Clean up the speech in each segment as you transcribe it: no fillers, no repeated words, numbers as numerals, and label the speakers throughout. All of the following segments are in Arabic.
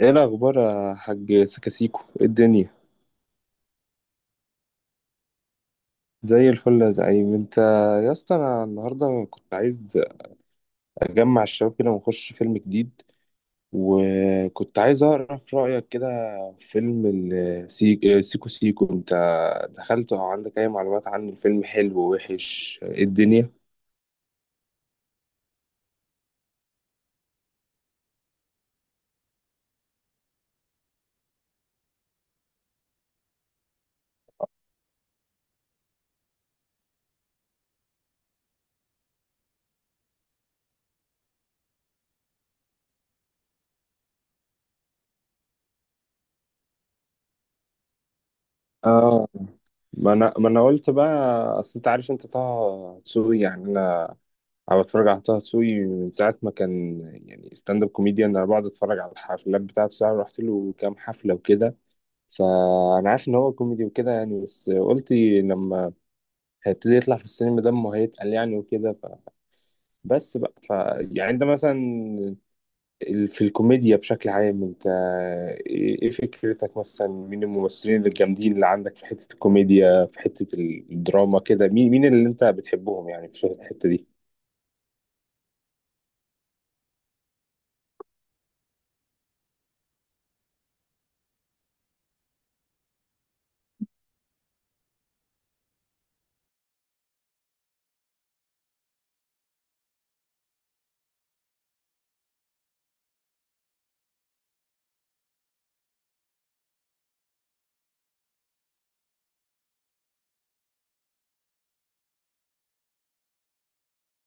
Speaker 1: ايه الاخبار يا حاج سكاسيكو؟ إيه الدنيا؟ زي الفل يا زعيم. انت، يا اسطى، انا النهارده كنت عايز اجمع الشباب كده ونخش فيلم جديد، وكنت عايز اعرف رايك كده في فيلم سيكو سيكو. انت دخلت او عندك اي معلومات عن الفيلم؟ حلو وحش؟ إيه الدنيا؟ اه، ما انا قلت بقى، اصل انت عارف انت طه دسوقي يعني. أنا بتفرج على طه دسوقي من ساعة ما كان يعني ستاند اب كوميديان، أنا بقعد أتفرج على الحفلات بتاعته، ساعة رحت له كام حفلة وكده، فأنا عارف إن هو كوميدي وكده يعني. بس قلت لما هيبتدي يطلع في السينما دمه هيتقل يعني وكده بس بقى يعني أنت مثلا، في الكوميديا بشكل عام، أنت إيه فكرتك؟ مثلا مين الممثلين الجامدين اللي عندك في حتة الكوميديا، في حتة الدراما كده؟ مين اللي أنت بتحبهم يعني في الحتة دي؟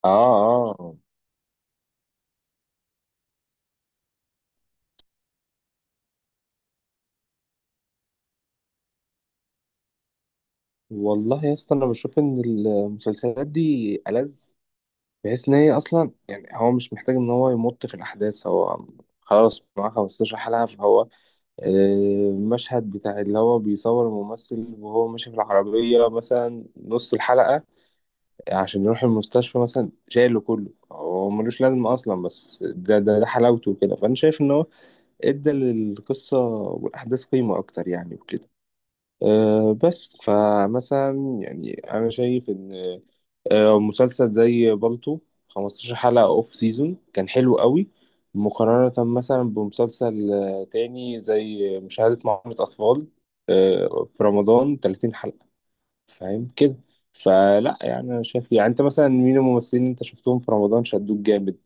Speaker 1: آه آه، والله يا اسطى انا بشوف ان المسلسلات دي ألذ، بحيث ان هي اصلا يعني هو مش محتاج ان هو يمط في الاحداث، هو خلاص معاه 15 حلقة. فهو آه، المشهد بتاع اللي هو بيصور الممثل وهو ماشي في العربية مثلا نص الحلقة عشان يروح المستشفى مثلا، شايله كله، هو ملوش لازمة أصلا، بس ده حلاوته كده. فأنا شايف إن هو إدى للقصة والأحداث قيمة أكتر يعني وكده. بس فمثلا يعني انا شايف ان مسلسل زي بالطو 15 حلقة اوف سيزون كان حلو قوي، مقارنة مثلا بمسلسل تاني زي مشاهدة معاملة أطفال في رمضان 30 حلقة. فاهم كده؟ فلا يعني انا شايف، يعني انت مثلا مين الممثلين اللي انت شفتهم في رمضان شدوك جامد؟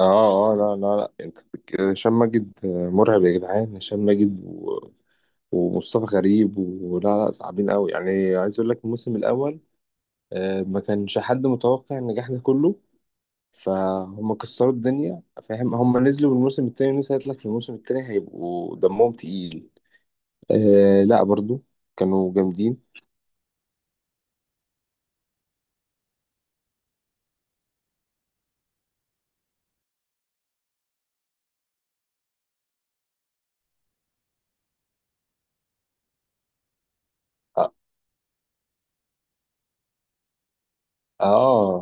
Speaker 1: اه اه، لا لا لا، انت هشام ماجد مرعب يا جدعان! هشام ماجد ومصطفى غريب، ولا لا، صعبين قوي يعني. عايز اقول لك الموسم الاول ما كانش حد متوقع النجاح ده كله، فهم كسروا الدنيا. فاهم؟ هم نزلوا بالموسم التاني، لسه قالت لك في الموسم التاني هيبقوا دمهم تقيل. آه لا، برضو كانوا جامدين. اه آه،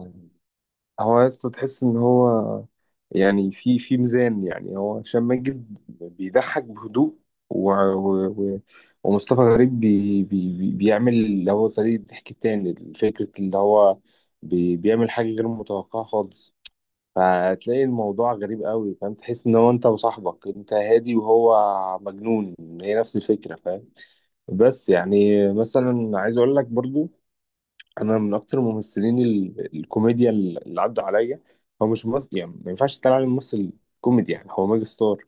Speaker 1: هو يا اسطى تحس ان هو يعني في ميزان، يعني هو هشام ماجد بيضحك بهدوء، و... و... و... ومصطفى غريب بيعمل اللي هو طريقة الضحك التاني، فكرة اللي هو بيعمل حاجة غير متوقعة خالص. فتلاقي الموضوع غريب قوي، فاهم؟ تحس ان هو انت وصاحبك، انت هادي وهو مجنون، هي نفس الفكرة، فاهم؟ بس يعني مثلا عايز اقول لك برضو، انا من اكتر الممثلين الكوميديا اللي عدوا عليا، هو مش ممثل يعني، ما ينفعش تتقال عليه ممثل كوميدي يعني، هو ميجا ستار.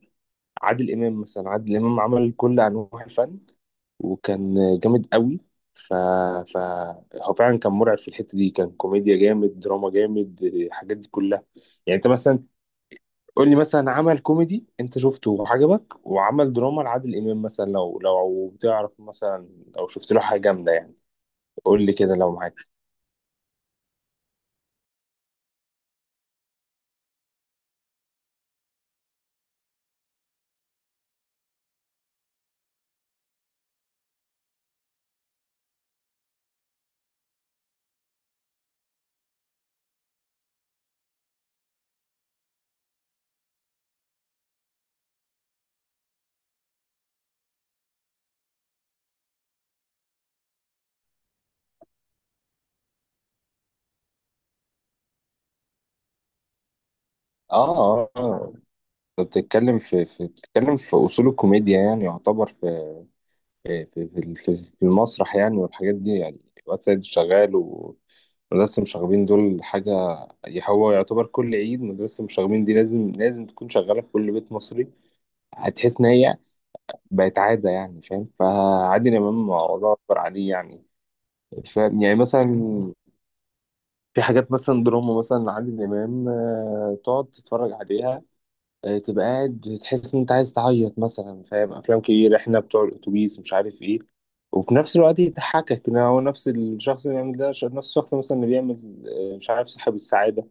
Speaker 1: عادل امام مثلا، عادل امام عمل كل انواع الفن وكان جامد قوي. ف... ف هو فعلا كان مرعب في الحته دي، كان كوميديا جامد، دراما جامد، الحاجات دي كلها. يعني انت مثلا قول لي مثلا عمل كوميدي انت شفته وعجبك، وعمل دراما لعادل امام مثلا، لو بتعرف مثلا، او شفت له حاجه جامده يعني، قول لي كده لو معاك. اه اه آه، بتتكلم في اصول الكوميديا يعني، يعتبر في في, في المسرح يعني والحاجات دي يعني. واد سيد الشغال ومدرسة المشاغبين دول حاجة، هو يعتبر كل عيد مدرسة المشاغبين دي لازم لازم تكون شغالة في كل بيت مصري. هتحس إن هي بقت عادة يعني، فاهم؟ فعادل إمام الله أكبر عليه يعني. فاهم يعني؟ مثلا في حاجات مثلا دراما مثلا لعادل إمام تقعد تتفرج عليها تبقى قاعد تحس ان انت عايز تعيط مثلا، فاهم؟ افلام كتير، احنا بتوع الاتوبيس مش عارف ايه، وفي نفس الوقت يضحكك ان هو نفس الشخص اللي بيعمل ده، نفس الشخص مثلا اللي بيعمل مش عارف صاحب السعادة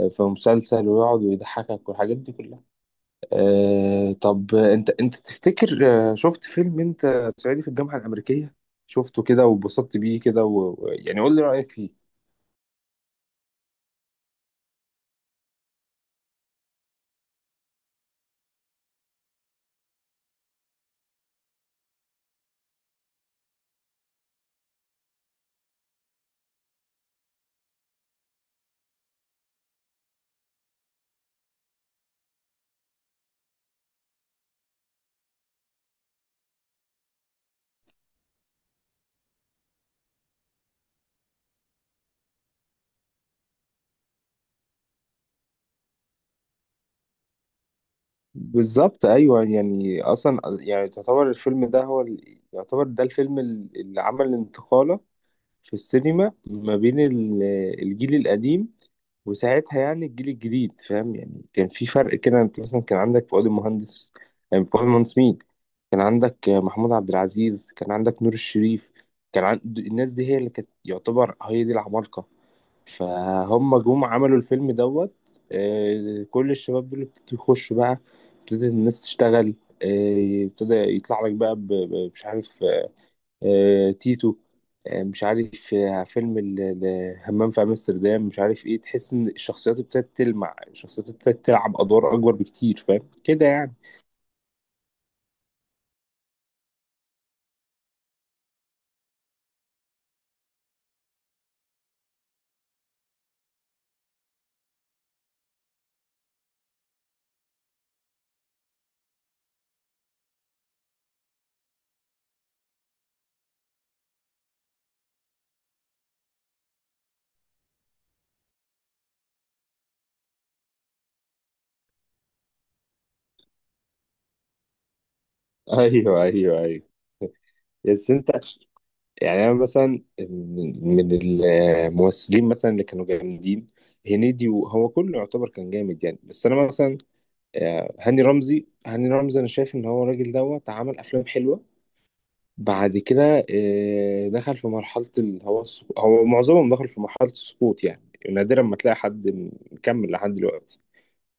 Speaker 1: في مسلسل، ويقعد ويضحكك والحاجات دي كلها. طب انت تفتكر، شفت فيلم انت صعيدي في الجامعة الأمريكية؟ شفته كده واتبسطت بيه كده يعني قول لي رأيك فيه. بالظبط، ايوه، يعني اصلا يعني تعتبر الفيلم ده هو يعتبر ده الفيلم اللي عمل انتقالة في السينما ما بين الجيل القديم وساعتها يعني الجيل الجديد، فاهم يعني؟ كان في فرق كده، انت مثلا كان عندك فؤاد المهندس، يعني فؤاد المهندس مين! كان عندك محمود عبد العزيز، كان عندك نور الشريف. كان عند الناس دي، هي اللي كانت يعتبر هي دي العمالقة. فهم جم عملوا الفيلم دوت. كل الشباب دول ابتدوا يخشوا بقى، ابتدت الناس تشتغل. ابتدى يطلع لك بقى مش عارف تيتو، مش عارف فيلم همام في امستردام، مش عارف ايه. تحس ان الشخصيات ابتدت تلمع، الشخصيات ابتدت تلعب ادوار اكبر بكتير، فاهم كده يعني؟ ايوه ايوه ايوه. بس انت يعني انا مثلا من من الممثلين مثلا اللي كانوا جامدين، هنيدي وهو كله يعتبر كان جامد يعني. بس انا مثلا هاني رمزي، هاني رمزي انا شايف ان هو الراجل دوت عمل افلام حلوه. بعد كده دخل في مرحله هو معظمهم دخل في مرحله السقوط يعني. نادرا ما تلاقي حد مكمل لحد دلوقتي.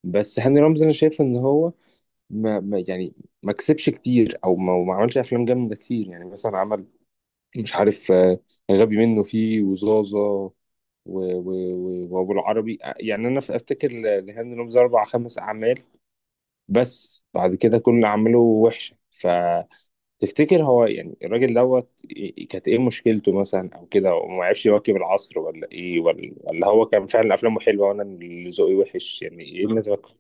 Speaker 1: بس هاني رمزي انا شايف ان هو يعني ما كسبش كتير، او ما ما عملش افلام جامده كتير يعني. مثلا مش عارف غبي منه فيه، وزازة، و- وأبو العربي. يعني أنا في أفتكر لهاني رمزي أربع خمس أعمال، بس بعد كده كل أعماله وحشة. فتفتكر هو يعني الراجل دوت كانت إيه مشكلته مثلا، أو كده وما عرفش يواكب العصر، ولا إيه، ولا هو كان فعلا أفلامه حلوة وأنا اللي ذوقي وحش يعني؟ إيه اللي أنا فاكره؟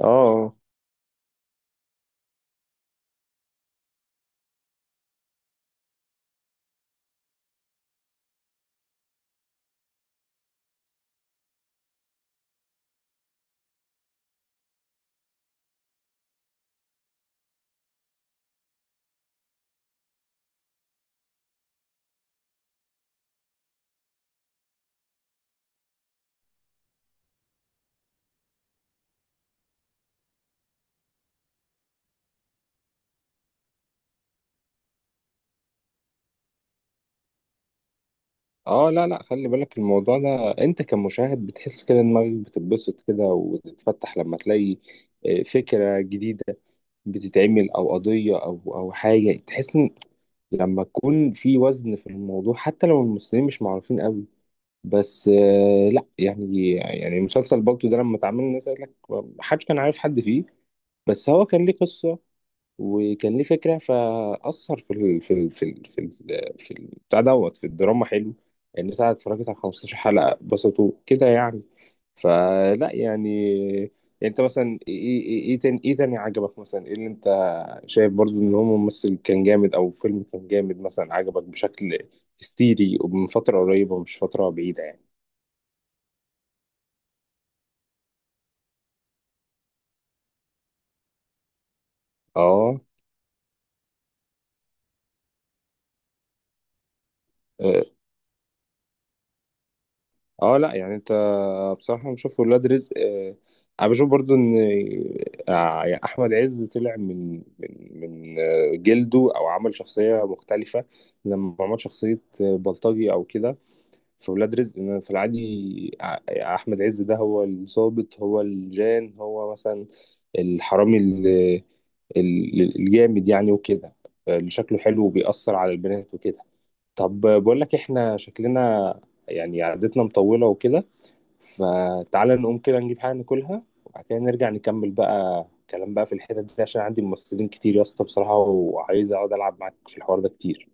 Speaker 1: آه اه، لا لا، خلي بالك الموضوع ده انت كمشاهد بتحس كده دماغك بتتبسط كده وتتفتح لما تلاقي فكرة جديدة بتتعمل، او قضية، او حاجة تحس ان لما تكون في وزن في الموضوع، حتى لو الممثلين مش معروفين قوي، بس لا يعني. يعني مسلسل بالطو ده لما اتعمل الناس قالت لك محدش كان عارف حد فيه، بس هو كان ليه قصة وكان ليه فكره، فاثر في ال في ال في ال في ال في ال- بتاع دوت في الدراما حلو. الناس قعدت اتفرجت على 15 حلقه بسطوا كده يعني. فلا يعني انت مثلا ايه ايه ايه إيه تاني ايه تاني عجبك مثلا؟ ايه اللي انت شايف برضو ان هو ممثل كان جامد، او فيلم كان جامد مثلا عجبك بشكل هستيري، ومن فتره قريبه مش فتره بعيده يعني؟ اه اه، لا يعني انت. بصراحة بشوف ولاد رزق، انا بشوف برضو ان يعني احمد عز طلع من جلده، او عمل شخصية مختلفة لما عمل شخصية بلطجي او كده في ولاد رزق. إن في العادي احمد عز ده هو الظابط هو الجان هو مثلا الحرامي الجامد يعني وكده، اللي شكله حلو وبيأثر على البنات وكده. طب بقول لك احنا شكلنا يعني عادتنا مطولة وكده، فتعالى نقوم كده نجيب حاجة ناكلها وبعد كده نرجع نكمل بقى كلام بقى في الحتت دي، عشان عندي ممثلين كتير يا اسطى بصراحة، وعايز اقعد العب معاك في الحوار ده كتير.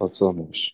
Speaker 1: خلصانة يا باشا.